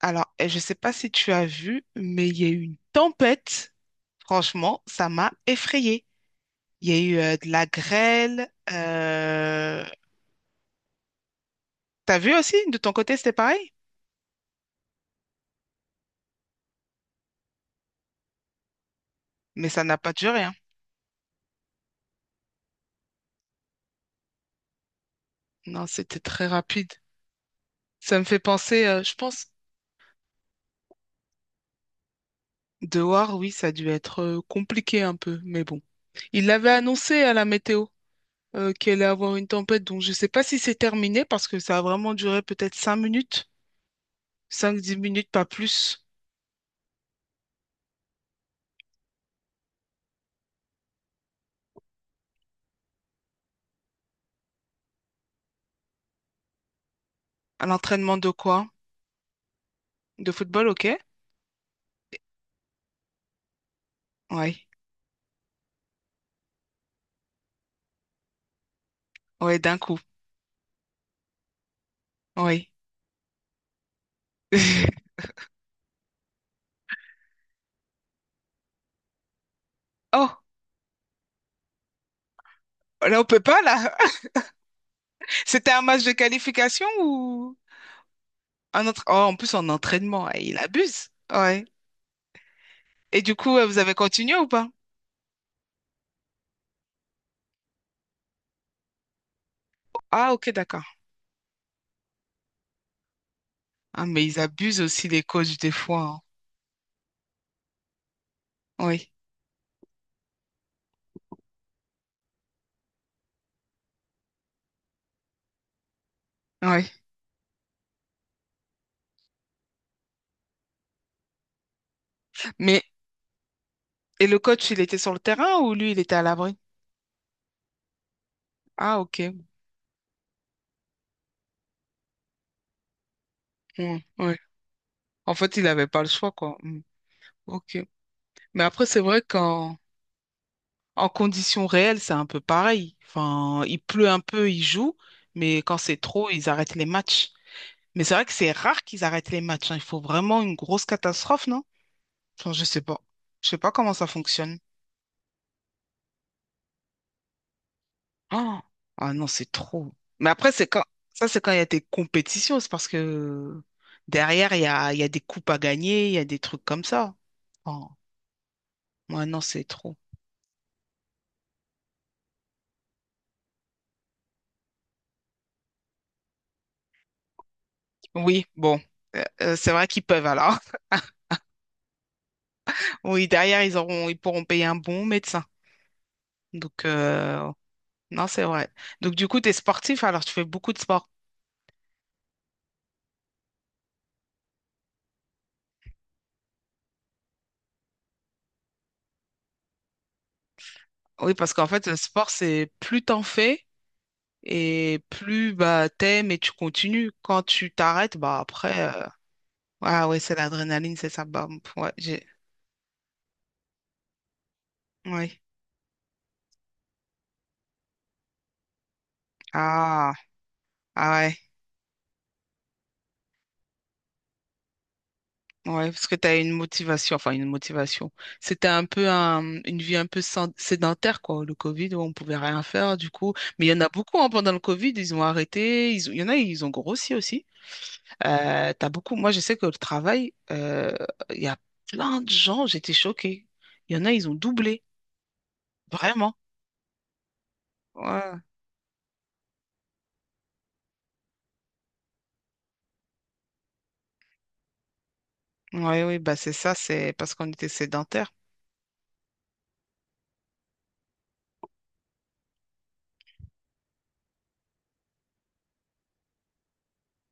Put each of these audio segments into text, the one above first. Alors, je sais pas si tu as vu, mais il y a eu une tempête. Franchement, ça m'a effrayée. Il y a eu de la grêle. T'as vu aussi, de ton côté, c'était pareil? Mais ça n'a pas duré, hein. Non, c'était très rapide. Ça me fait penser, je pense, dehors, oui, ça a dû être compliqué un peu, mais bon. Il l'avait annoncé à la météo qu'il allait avoir une tempête, donc je ne sais pas si c'est terminé parce que ça a vraiment duré peut-être 5 minutes, 5-10 minutes, pas plus, à l'entraînement de quoi? De football, ok? Oui. Oui, d'un coup. Oui. Oh, là, on peut pas, là. C'était un match de qualification ou un autre? Oh, en plus, en entraînement, eh, il abuse. Ouais. Et du coup, vous avez continué ou pas? Ah, ok, d'accord. Ah, mais ils abusent aussi, les coachs, des fois, hein. Oui. Oui. Mais, et le coach, il était sur le terrain ou lui, il était à l'abri? Ah, ok. Mm, ouais. En fait, il n'avait pas le choix, quoi. Mm. Ok. Mais après, c'est vrai qu'en en conditions réelles, c'est un peu pareil. Enfin, il pleut un peu, ils jouent, mais quand c'est trop, ils arrêtent les matchs. Mais c'est vrai que c'est rare qu'ils arrêtent les matchs, hein. Il faut vraiment une grosse catastrophe, non? Enfin, je sais pas. Je sais pas comment ça fonctionne. Ah. Ah non, c'est trop. Mais après, c'est quand ça, c'est quand il y a des compétitions, c'est parce que derrière, il y a des coupes à gagner, il y a des trucs comme ça. Oh, ouais, non, c'est trop. Oui, bon. C'est vrai qu'ils peuvent alors. Oui, derrière, ils auront, ils pourront payer un bon médecin. Donc, non, c'est vrai. Donc, du coup, tu es sportif, alors tu fais beaucoup de sport. Oui, parce qu'en fait, le sport, c'est plus t'en fais et plus bah, t'aimes et tu continues. Quand tu t'arrêtes, bah après, ah ouais, c'est l'adrénaline, c'est ça. Bah, ouais, j'ai... Ouais. Ah, ah ouais. Ouais, parce que tu as une motivation, enfin une motivation. C'était un peu une vie un peu sédentaire, quoi, le Covid, où on pouvait rien faire, du coup. Mais il y en a beaucoup, hein, pendant le Covid, ils ont arrêté, il y en a, ils ont grossi aussi. T'as beaucoup. Moi, je sais que le travail, il y a plein de gens, j'étais choquée. Il y en a, ils ont doublé. Vraiment. Ouais. Ouais, oui, bah c'est ça, c'est parce qu'on était sédentaires.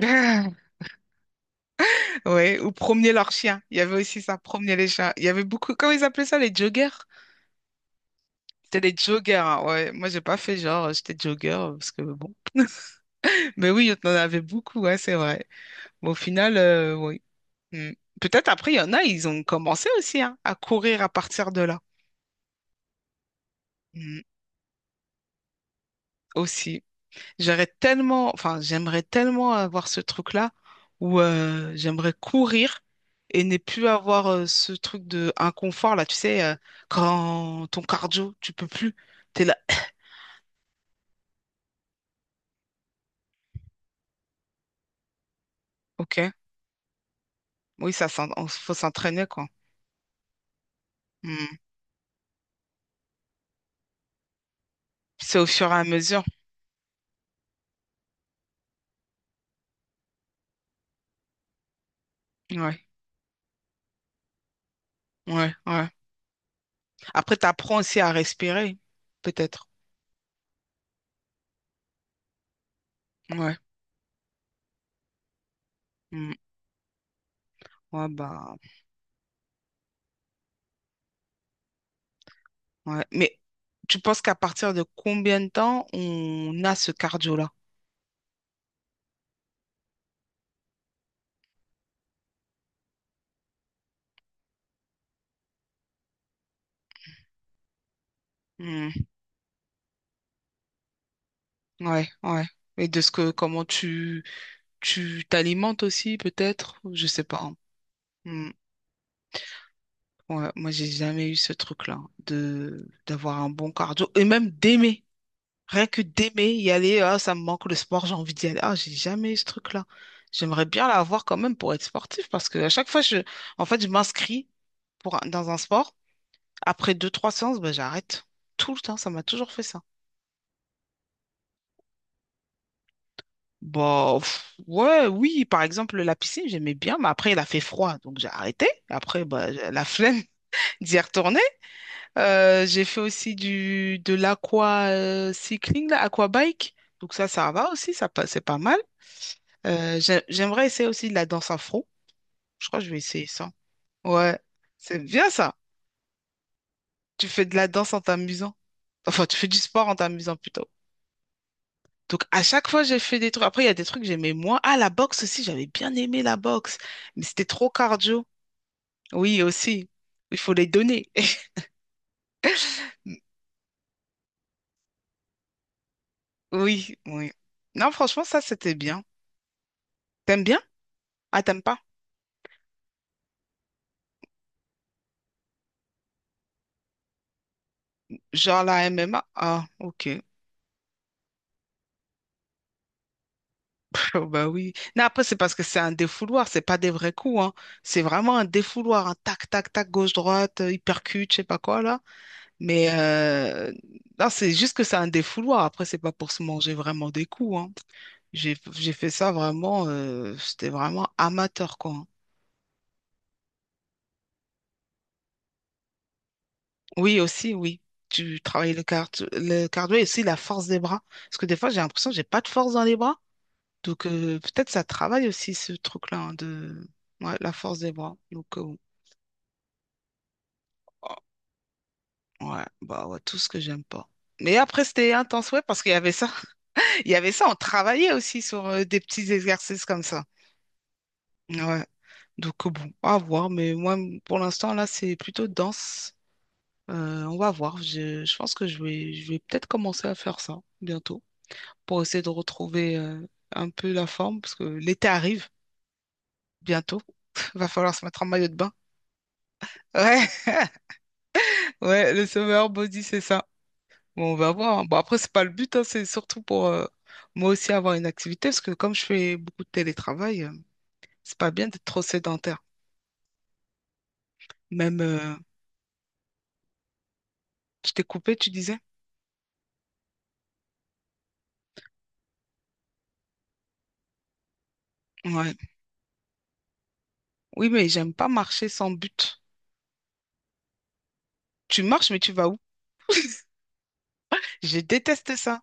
Ouais, ou promener leurs chiens. Il y avait aussi ça, promener les chiens. Il y avait beaucoup. Comment ils appelaient ça, les joggers? C'était les joggers, hein, ouais. Moi, j'ai pas fait genre, j'étais jogger, parce que bon. Mais oui, on en avait beaucoup, ouais, c'est vrai. Mais au final, oui. Mm. Peut-être après, il y en a, ils ont commencé aussi hein, à courir à partir de là. Mm. Aussi. J'aurais tellement, enfin, j'aimerais tellement avoir ce truc-là où j'aimerais courir et ne plus avoir ce truc de inconfort là, tu sais, quand ton cardio, tu peux plus, t'es là. Ok, oui, ça, faut s'entraîner quoi. Hmm. C'est au fur et à mesure. Ouais, ouais. Après, t'apprends aussi à respirer, peut-être. Ouais. Hmm. Ouais, bah, ouais. Mais tu penses qu'à partir de combien de temps on a ce cardio-là? Hmm. Ouais, ouais. Et de ce que, comment tu, tu t'alimentes aussi, peut-être, je sais pas, hein. Hmm. Ouais, moi, j'ai jamais eu ce truc-là de d'avoir un bon cardio et même d'aimer. Rien que d'aimer y aller, ah, ça me manque le sport, j'ai envie d'y aller. Ah, j'ai jamais eu ce truc-là. J'aimerais bien l'avoir quand même pour être sportif parce que à chaque fois, je, en fait, je m'inscris pour dans un sport. Après deux, trois séances, ben, j'arrête. Tout le temps, ça m'a toujours fait ça. Bah, pff, ouais, oui, par exemple, la piscine, j'aimais bien, mais après, il a fait froid, donc j'ai arrêté. Après, bah, j'ai la flemme d'y retourner. J'ai fait aussi du, de l'aqua cycling, là, aquabike. Donc ça va aussi, ça, c'est pas mal. J'aimerais essayer aussi de la danse afro. Je crois que je vais essayer ça. Ouais, c'est bien ça. Tu fais de la danse en t'amusant. Enfin, tu fais du sport en t'amusant plutôt. Donc, à chaque fois, j'ai fait des trucs. Après, il y a des trucs que j'aimais moins. Ah, la boxe aussi, j'avais bien aimé la boxe mais c'était trop cardio. Oui, aussi. Il faut les donner. Oui, oui. Non, franchement, ça, c'était bien. T'aimes bien? Ah, t'aimes pas? Genre la MMA? Ah, ok. Oh, bah oui. Non, après, c'est parce que c'est un défouloir, c'est pas des vrais coups, hein. C'est vraiment un défouloir, un tac, tac, tac, gauche-droite, hypercute, je sais pas quoi, là. Mais non, c'est juste que c'est un défouloir. Après, c'est pas pour se manger vraiment des coups, hein. J'ai fait ça vraiment, c'était vraiment amateur, quoi. Oui, aussi, oui. Tu travailles le cardio et aussi la force des bras. Parce que des fois, j'ai l'impression que j'ai pas de force dans les bras. Donc, peut-être ça travaille aussi ce truc-là hein, de ouais, la force des bras. Donc, oh, ouais, bah ouais, tout ce que j'aime pas. Mais après, c'était intense, ouais, parce qu'il y avait ça. Il y avait ça, on travaillait aussi sur des petits exercices comme ça. Ouais. Donc, bon, à voir. Mais moi, pour l'instant, là, c'est plutôt danse. On va voir. Je pense que je vais, peut-être commencer à faire ça bientôt. Pour essayer de retrouver un peu la forme, parce que l'été arrive bientôt. Va falloir se mettre en maillot de bain. Ouais, ouais, le sauveur body, c'est ça. Bon, on va voir, hein. Bon, après, c'est pas le but, hein, c'est surtout pour moi aussi avoir une activité, parce que comme je fais beaucoup de télétravail, c'est pas bien d'être trop sédentaire. Même, je t'ai coupé, tu disais? Ouais. Oui, mais j'aime pas marcher sans but. Tu marches, mais tu vas où? Je déteste ça.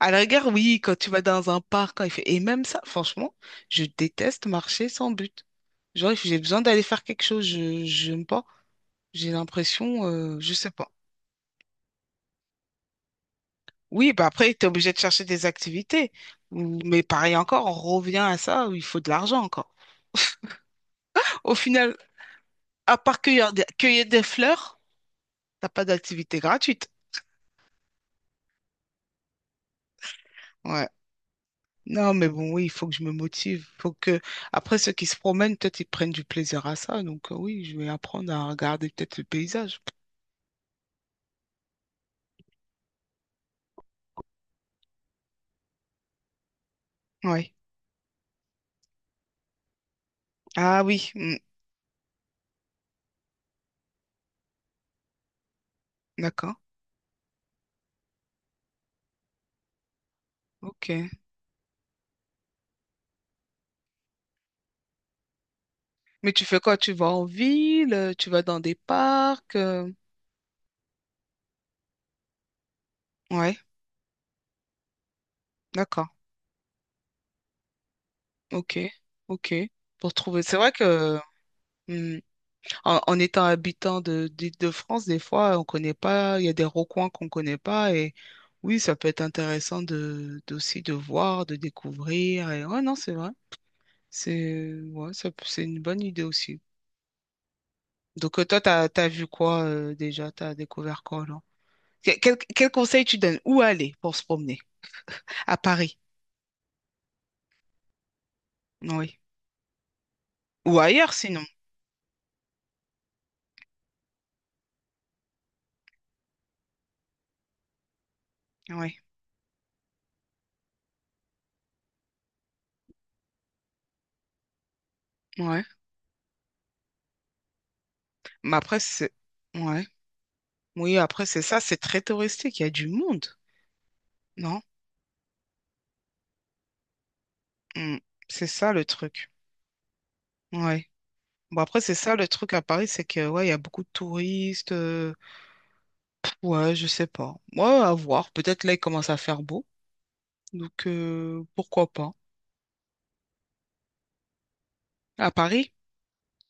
À la gare, oui, quand tu vas dans un parc, quand il fait... Et même ça, franchement, je déteste marcher sans but. Genre, if j'ai besoin d'aller faire quelque chose, je j'aime pas. J'ai l'impression, je sais pas. Oui, bah après, tu es obligé de chercher des activités. Mais pareil encore, on revient à ça, où il faut de l'argent encore. Au final, à part cueillir des fleurs, t'as pas d'activité gratuite. Ouais. Non, mais bon, oui, il faut que je me motive. Faut que, après, ceux qui se promènent, peut-être ils prennent du plaisir à ça. Donc, oui, je vais apprendre à regarder peut-être le paysage. Ouais. Ah oui, mm, d'accord. Ok. Mais tu fais quoi? Tu vas en ville, tu vas dans des parcs. Ouais, d'accord. Ok, ok. Pour trouver. C'est vrai que mm, en étant habitant de d'Île-de-France, des fois, on connaît pas. Il y a des recoins qu'on connaît pas. Et oui, ça peut être intéressant de d'aussi de voir, de découvrir. Et ouais, non, c'est vrai. C'est ouais, c'est une bonne idée aussi. Donc toi, t'as vu quoi déjà? T'as découvert quoi? Quel conseil tu donnes? Où aller pour se promener? À Paris, oui. Ou ailleurs sinon. Oui, ouais. Mais après, c'est... Ouais. Oui, après, c'est ça, c'est très touristique, il y a du monde, non? Mm. C'est ça le truc. Ouais. Bon, après, c'est ça le truc à Paris, c'est que, ouais, il y a beaucoup de touristes. Ouais, je sais pas. Ouais, à voir. Peut-être là, il commence à faire beau. Donc, pourquoi pas? À Paris,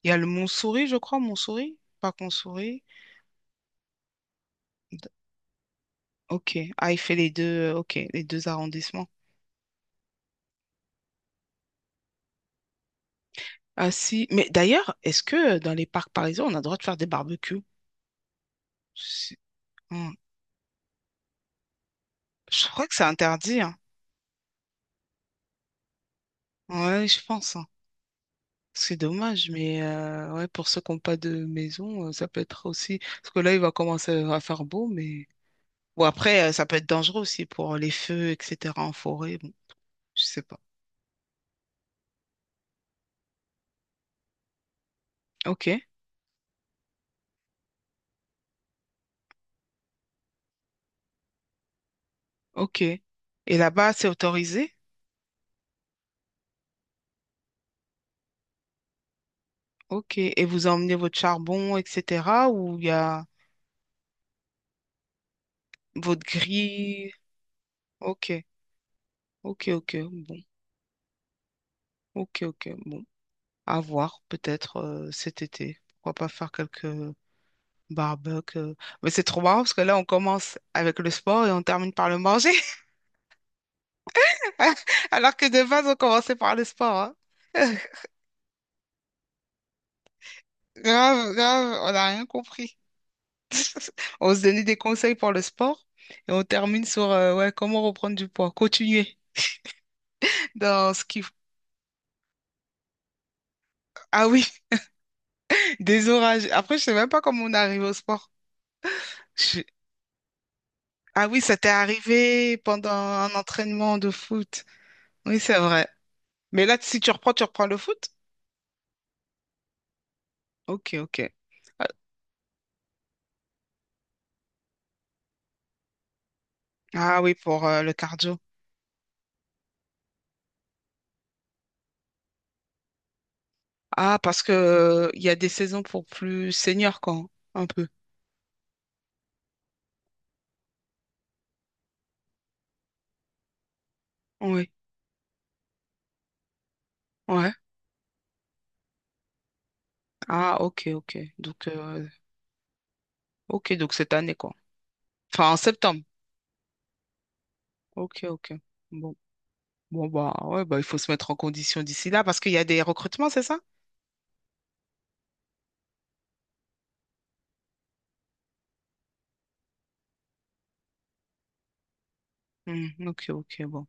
il y a le Montsouris, je crois, Montsouris, pas Consouris. D- Ok. Ah, il fait les deux, ok, les deux arrondissements. Ah si, mais d'ailleurs, est-ce que dans les parcs parisiens, on a le droit de faire des barbecues? Si- Hmm. Je crois que c'est interdit, hein. Ouais, je pense, hein. C'est dommage, mais ouais, pour ceux qui n'ont pas de maison, ça peut être aussi. Parce que là, il va commencer à faire beau, mais. Ou après, ça peut être dangereux aussi pour les feux, etc. en forêt. Bon, je sais pas. Ok, ok. Et là-bas, c'est autorisé? Ok. Et vous emmenez votre charbon, etc. Ou il y a votre grille? Ok, ok, ok. Ok, ok. Bon, à voir peut-être cet été. Pourquoi pas faire quelques barbecues. Mais c'est trop marrant parce que là, on commence avec le sport et on termine par le manger. Alors que de base, on commençait par le sport, hein. Grave, grave, on n'a rien compris. On se donnait des conseils pour le sport et on termine sur ouais, comment reprendre du poids. Continuer dans ce qui... Ah oui, des orages. Après, je sais même pas comment on est arrivé au sport. Je- Ah oui, ça t'est arrivé pendant un entraînement de foot. Oui, c'est vrai. Mais là, si tu reprends, tu reprends le foot? Ok, ok. Ah ah oui, pour le cardio. Ah, parce que il y a des saisons pour plus seniors, quand, un peu. Oui, ouais. Ah, ok, ok. Donc, ok, donc cette année, quoi. Enfin, en septembre. Ok, ok. Bon, bon, bah, ouais, bah, il faut se mettre en condition d'ici là parce qu'il y a des recrutements, c'est ça? Hmm, ok, ok, bon.